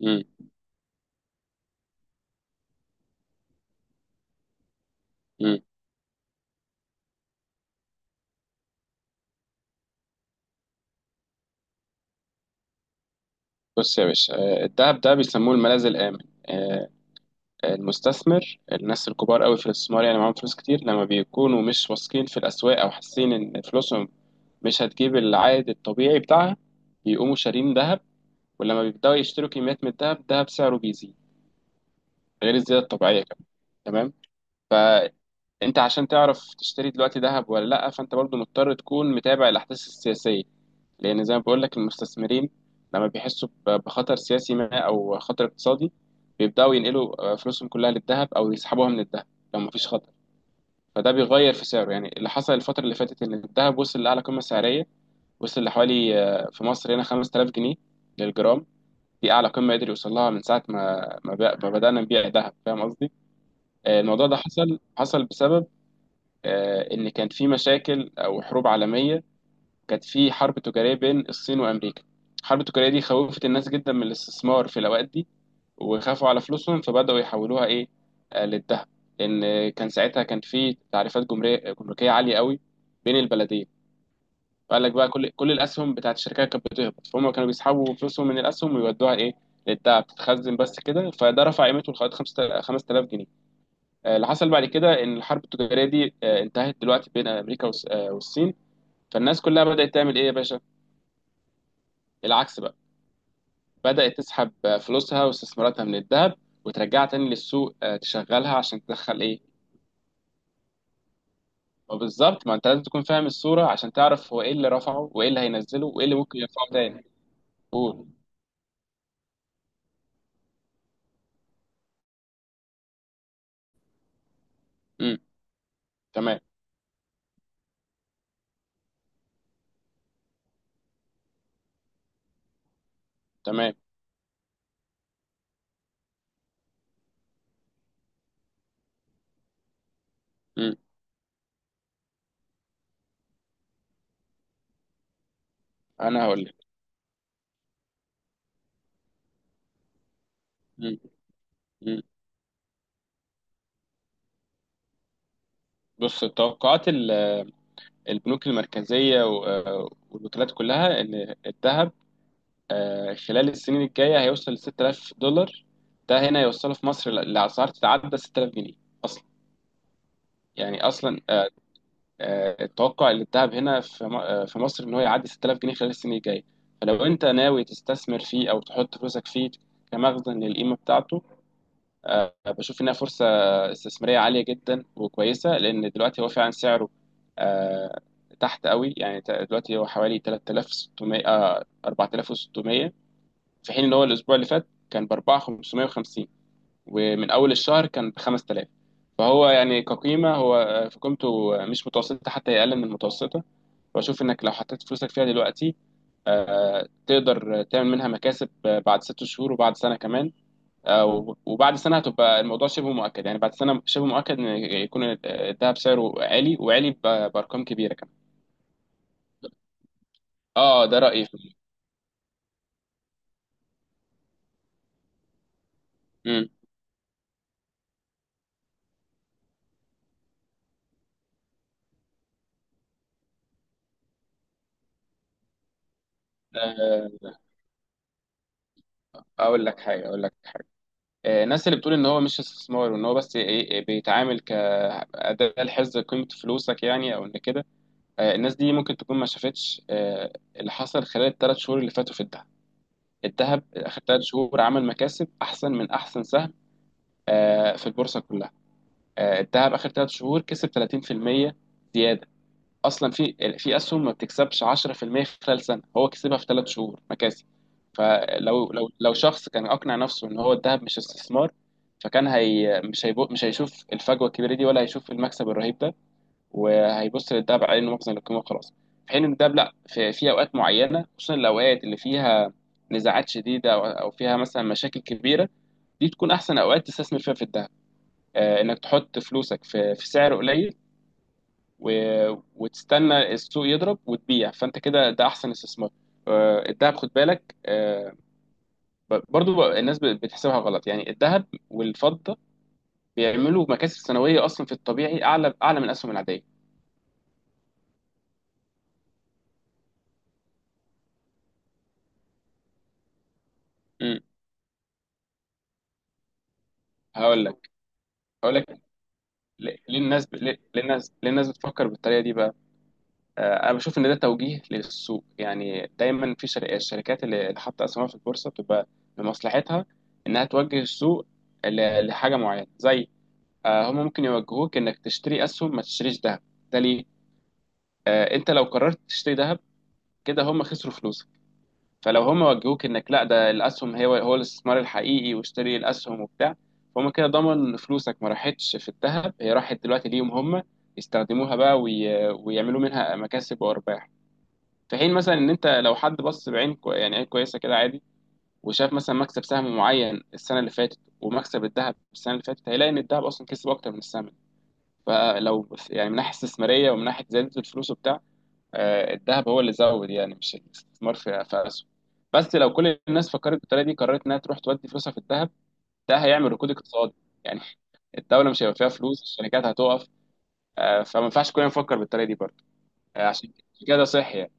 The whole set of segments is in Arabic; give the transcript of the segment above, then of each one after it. مم. مم. بص يا باشا، الدهب ده بيسموه الملاذ الآمن. آه، المستثمر، الناس الكبار قوي في الاستثمار يعني معاهم فلوس كتير. لما بيكونوا مش واثقين في الأسواق أو حاسين إن فلوسهم مش هتجيب العائد الطبيعي بتاعها بيقوموا شارين ذهب. ولما بيبدأوا يشتروا كميات من الذهب، الذهب سعره بيزيد غير الزيادة الطبيعية كمان. تمام. فأنت عشان تعرف تشتري دلوقتي ذهب ولا لأ، فأنت برضو مضطر تكون متابع الأحداث السياسية، لأن زي ما بقول لك المستثمرين لما بيحسوا بخطر سياسي ما أو خطر اقتصادي بيبدأوا ينقلوا فلوسهم كلها للذهب أو يسحبوها من الذهب. لو مفيش خطر، فده بيغير في سعره. يعني اللي حصل الفترة اللي فاتت إن الذهب وصل لأعلى قمة سعرية. وصل لحوالي في مصر هنا 5000 جنيه للجرام. دي أعلى قمة قدر يوصل لها من ساعة ما بدأنا نبيع ذهب. فاهم قصدي؟ الموضوع ده حصل حصل بسبب إن كان في مشاكل أو حروب عالمية. كانت في حرب تجارية بين الصين وأمريكا. الحرب التجارية دي خوفت الناس جدا من الاستثمار في الأوقات دي، وخافوا على فلوسهم فبدأوا يحولوها إيه؟ للذهب، لأن كان ساعتها كان في تعريفات جمركية جمركية عالية قوي بين البلدين. فقال لك بقى كل الأسهم بتاعت الشركات كانت بتهبط، فهم كانوا بيسحبوا فلوسهم من الأسهم ويودوها إيه؟ للذهب تتخزن بس كده، فده رفع قيمته لغاية 5000 جنيه. اللي حصل بعد كده إن الحرب التجارية دي انتهت دلوقتي بين أمريكا والصين. فالناس كلها بدأت تعمل إيه يا باشا؟ العكس بقى. بدأت تسحب فلوسها واستثماراتها من الذهب وترجعها تاني للسوق، تشغلها عشان تدخل ايه. وبالظبط، ما انت لازم تكون فاهم الصورة عشان تعرف هو ايه اللي رفعه وايه اللي هينزله وايه اللي ممكن يرفعه تاني. قول. امم. تمام. تمام. امم. انا هقول لك. امم. امم. بص، توقعات البنوك المركزية والوكالات كلها ان الذهب خلال السنين الجاية هيوصل ل 6000 دولار. ده هنا يوصله في مصر لأسعار تتعدى 6000 جنيه اصلا. يعني اصلا التوقع اللي اتذهب هنا في في مصر ان هو يعدي 6000 جنيه خلال السنين الجايه. فلو انت ناوي تستثمر فيه او تحط فلوسك فيه كمخزن للقيمه بتاعته، بشوف انها فرصه استثماريه عاليه جدا وكويسه، لان دلوقتي هو فعلا سعره آه، تحت قوي. يعني دلوقتي هو حوالي 3600 4600، في حين ان هو الاسبوع اللي فات كان ب 4550، ومن اول الشهر كان ب 5000. فهو يعني كقيمة هو في قيمته مش متوسطة، حتى هي أقل من المتوسطة. بشوف انك لو حطيت فلوسك فيها دلوقتي، تقدر تعمل منها مكاسب بعد ست شهور وبعد سنة كمان. وبعد سنة هتبقى الموضوع شبه مؤكد. يعني بعد سنة شبه مؤكد ان يكون الذهب سعره عالي وعالي بأرقام كبيرة كمان. اه، ده رأيي في. امم. آه، اقول لك حاجة. الناس اللي بتقول ان هو مش استثمار وان هو بس إيه- إيه، بيتعامل كأداة لحفظ قيمة فلوسك يعني، او ان كده، الناس دي ممكن تكون ما شافتش اللي حصل خلال الثلاث شهور اللي فاتوا في الدهب. الذهب اخر ثلاث شهور عمل مكاسب احسن من احسن سهم في البورصه كلها. الذهب اخر ثلاث شهور كسب 30% زياده. اصلا في اسهم ما بتكسبش 10% خلال سنه، هو كسبها في ثلاث شهور مكاسب. فلو لو لو شخص كان اقنع نفسه ان هو الذهب مش استثمار، فكان هي مش هيبو مش هيشوف الفجوه الكبيره دي ولا هيشوف المكسب الرهيب ده، وهيبص للده بعين مخزن للقيمه وخلاص. في حين ان الدهب لا، في اوقات معينه، خصوصا الاوقات اللي فيها نزاعات شديده او فيها مثلا مشاكل كبيره، دي تكون احسن اوقات تستثمر فيها في الدهب. انك تحط فلوسك في سعر قليل وتستنى السوق يضرب وتبيع، فانت كده ده احسن استثمار. الدهب خد بالك، برضو بقى الناس بتحسبها غلط. يعني الذهب والفضه بيعملوا مكاسب سنويه اصلا في الطبيعي اعلى اعلى من الاسهم العاديه. امم. هقول لك هقول لك ليه. الناس بتفكر بالطريقه دي بقى؟ انا بشوف ان ده توجيه للسوق. يعني دايما في الشركات اللي حاطه اسهمها في البورصه بتبقى لمصلحتها انها توجه السوق لحاجه معينه. زي هم ممكن يوجهوك انك تشتري اسهم، ما تشتريش ذهب. ده ليه؟ انت لو قررت تشتري ذهب، كده هم خسروا فلوسك. فلو هم وجهوك انك لا، ده الاسهم هي هو الاستثمار الحقيقي، واشتري الاسهم وبتاع، فهم كده ضمن إن فلوسك ما راحتش في الذهب، هي راحت دلوقتي ليهم هم يستخدموها بقى ويعملوا منها مكاسب وارباح. في حين مثلا ان انت لو حد بص بعين يعني عين كويسه كده عادي، وشاف مثلا مكسب سهم معين السنه اللي فاتت ومكسب الذهب السنه اللي فاتت، هيلاقي ان الذهب اصلا كسب اكتر من السهم. فلو يعني من ناحيه استثماريه ومن ناحيه زياده الفلوس وبتاع، الذهب هو اللي زود. يعني مش الاستثمار في اسهم. بس لو كل الناس فكرت بالطريقه دي قررت انها تروح تودي فلوسها في الذهب، ده هيعمل ركود اقتصادي. يعني الدوله مش هيبقى فيها فلوس، الشركات هتقف. فما ينفعش كلنا نفكر بالطريقه دي برضه. عشان كده ده صحي يعني.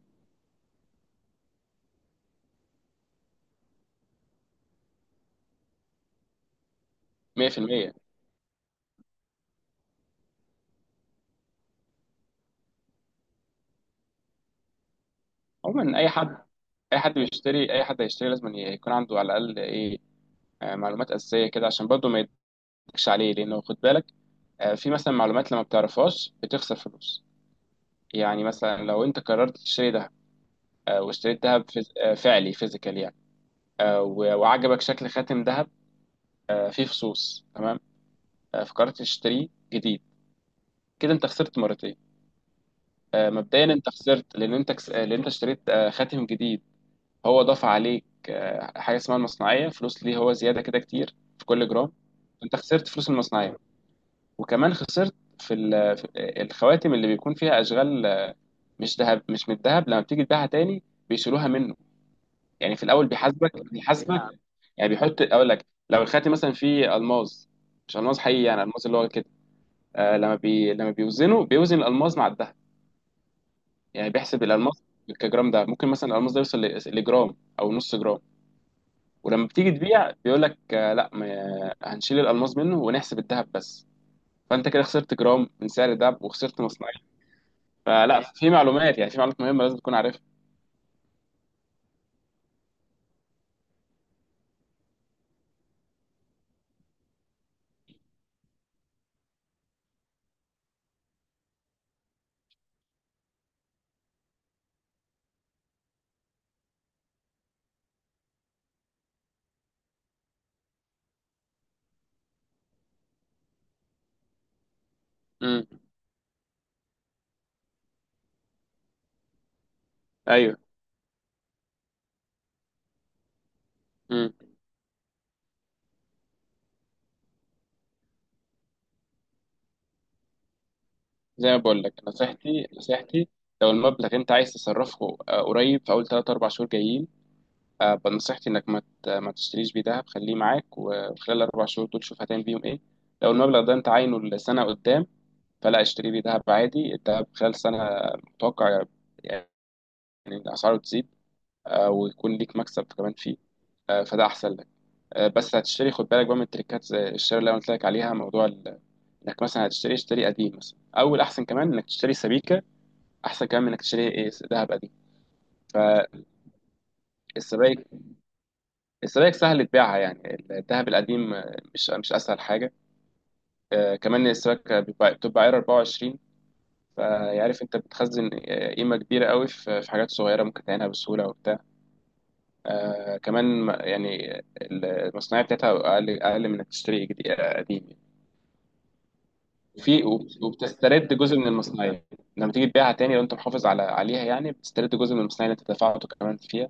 100%. عموما، اي حد هيشتري لازم يكون عنده على الاقل ايه؟ معلومات اساسيه كده، عشان برضه ما يضحكش عليه. لانه خد بالك، في مثلا معلومات لما بتعرفهاش بتخسر فلوس. يعني مثلا لو انت قررت تشتري ده، واشتريت دهب فيز... آه، فعلي، فيزيكال يعني، وعجبك شكل خاتم دهب فيه فصوص. تمام؟ فكرت تشتريه جديد، كده انت خسرت مرتين. مبدئيا انت خسرت لان انت كس... آه، لان انت اشتريت خاتم جديد. هو ضاف عليك حاجه اسمها المصنعيه، فلوس، ليه هو زياده كده كتير في كل جرام. انت خسرت فلوس المصنعيه، وكمان خسرت في, ال... في الخواتم اللي بيكون فيها اشغال مش ذهب، مش من الذهب، لما بتيجي تبيعها تاني بيشيلوها منه. يعني في الاول بيحاسبك بيحاسبك. يعني بيحط، اقول لك، لو الخاتم مثلا فيه الماس، مش الماس حقيقي، يعني الماس اللي هو كده، آه، لما بيوزنه بيوزن الالماس مع الذهب. يعني بيحسب الالماس كجرام. ده ممكن مثلا الالماس ده يوصل لجرام او نص جرام. ولما بتيجي تبيع بيقول لك آه لا، ما هنشيل الالماس منه ونحسب الذهب بس. فانت كده خسرت جرام من سعر الذهب وخسرت مصنعيه. فلا، في معلومات، يعني في معلومات مهمه لازم تكون عارفها. امم. ايوه. مم. زي ما بقول لك، نصيحتي، نصيحتي لو المبلغ انت عايز تصرفه قريب في اول 3 4 شهور جايين، نصيحتي انك ما تشتريش بيه دهب. خليه معاك وخلال الاربع شهور دول شوف هتعمل بيهم ايه. لو المبلغ ده انت عاينه لسنه قدام، فلا، اشتري بيه دهب عادي. الدهب خلال سنه متوقع، يعني، إن اسعاره تزيد ويكون ليك مكسب كمان فيه. فده احسن لك. بس هتشتري خد بالك بقى من التريكات. زي الشراء اللي انا قلت لك عليها، موضوع انك مثلا هتشتري، اشتري قديم مثلا، او الاحسن كمان انك تشتري سبيكه، احسن كمان من انك تشتري ايه ذهب قديم. فالسبائك، السبائك سهل تبيعها، يعني الذهب القديم مش اسهل حاجه. كمان السبائك بتبقى عيار 24. فيعرف انت بتخزن قيمه كبيره قوي في حاجات صغيره ممكن تعينها بسهوله وبتاع. كمان ما، يعني المصنعيه بتاعتها اقل اقل من انك تشتري قديم يعني. وبتسترد جزء من المصنعيه لما تيجي تبيعها تاني، لو انت محافظ عليها، يعني بتسترد جزء من المصنعيه اللي انت دفعته كمان فيها.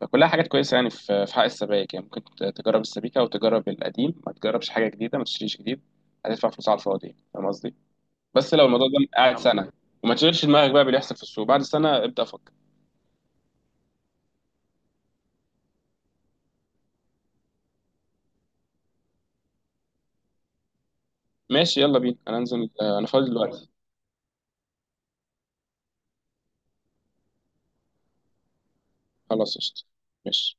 فكلها حاجات كويسة. يعني في حق السبائك يعني ممكن تجرب السبيكة وتجرب القديم، ما تجربش حاجة جديدة، ما تشتريش جديد. هتدفع فلوس على الفاضي، فاهم قصدي؟ بس لو الموضوع ده قاعد فاهم سنة وما تشغلش دماغك بقى باللي يحصل في السوق بعد سنة، ابدأ فكر. ماشي، يلا بينا، أنا أنزل، أنا فاضي دلوقتي. خلاص قشطة. ماشي.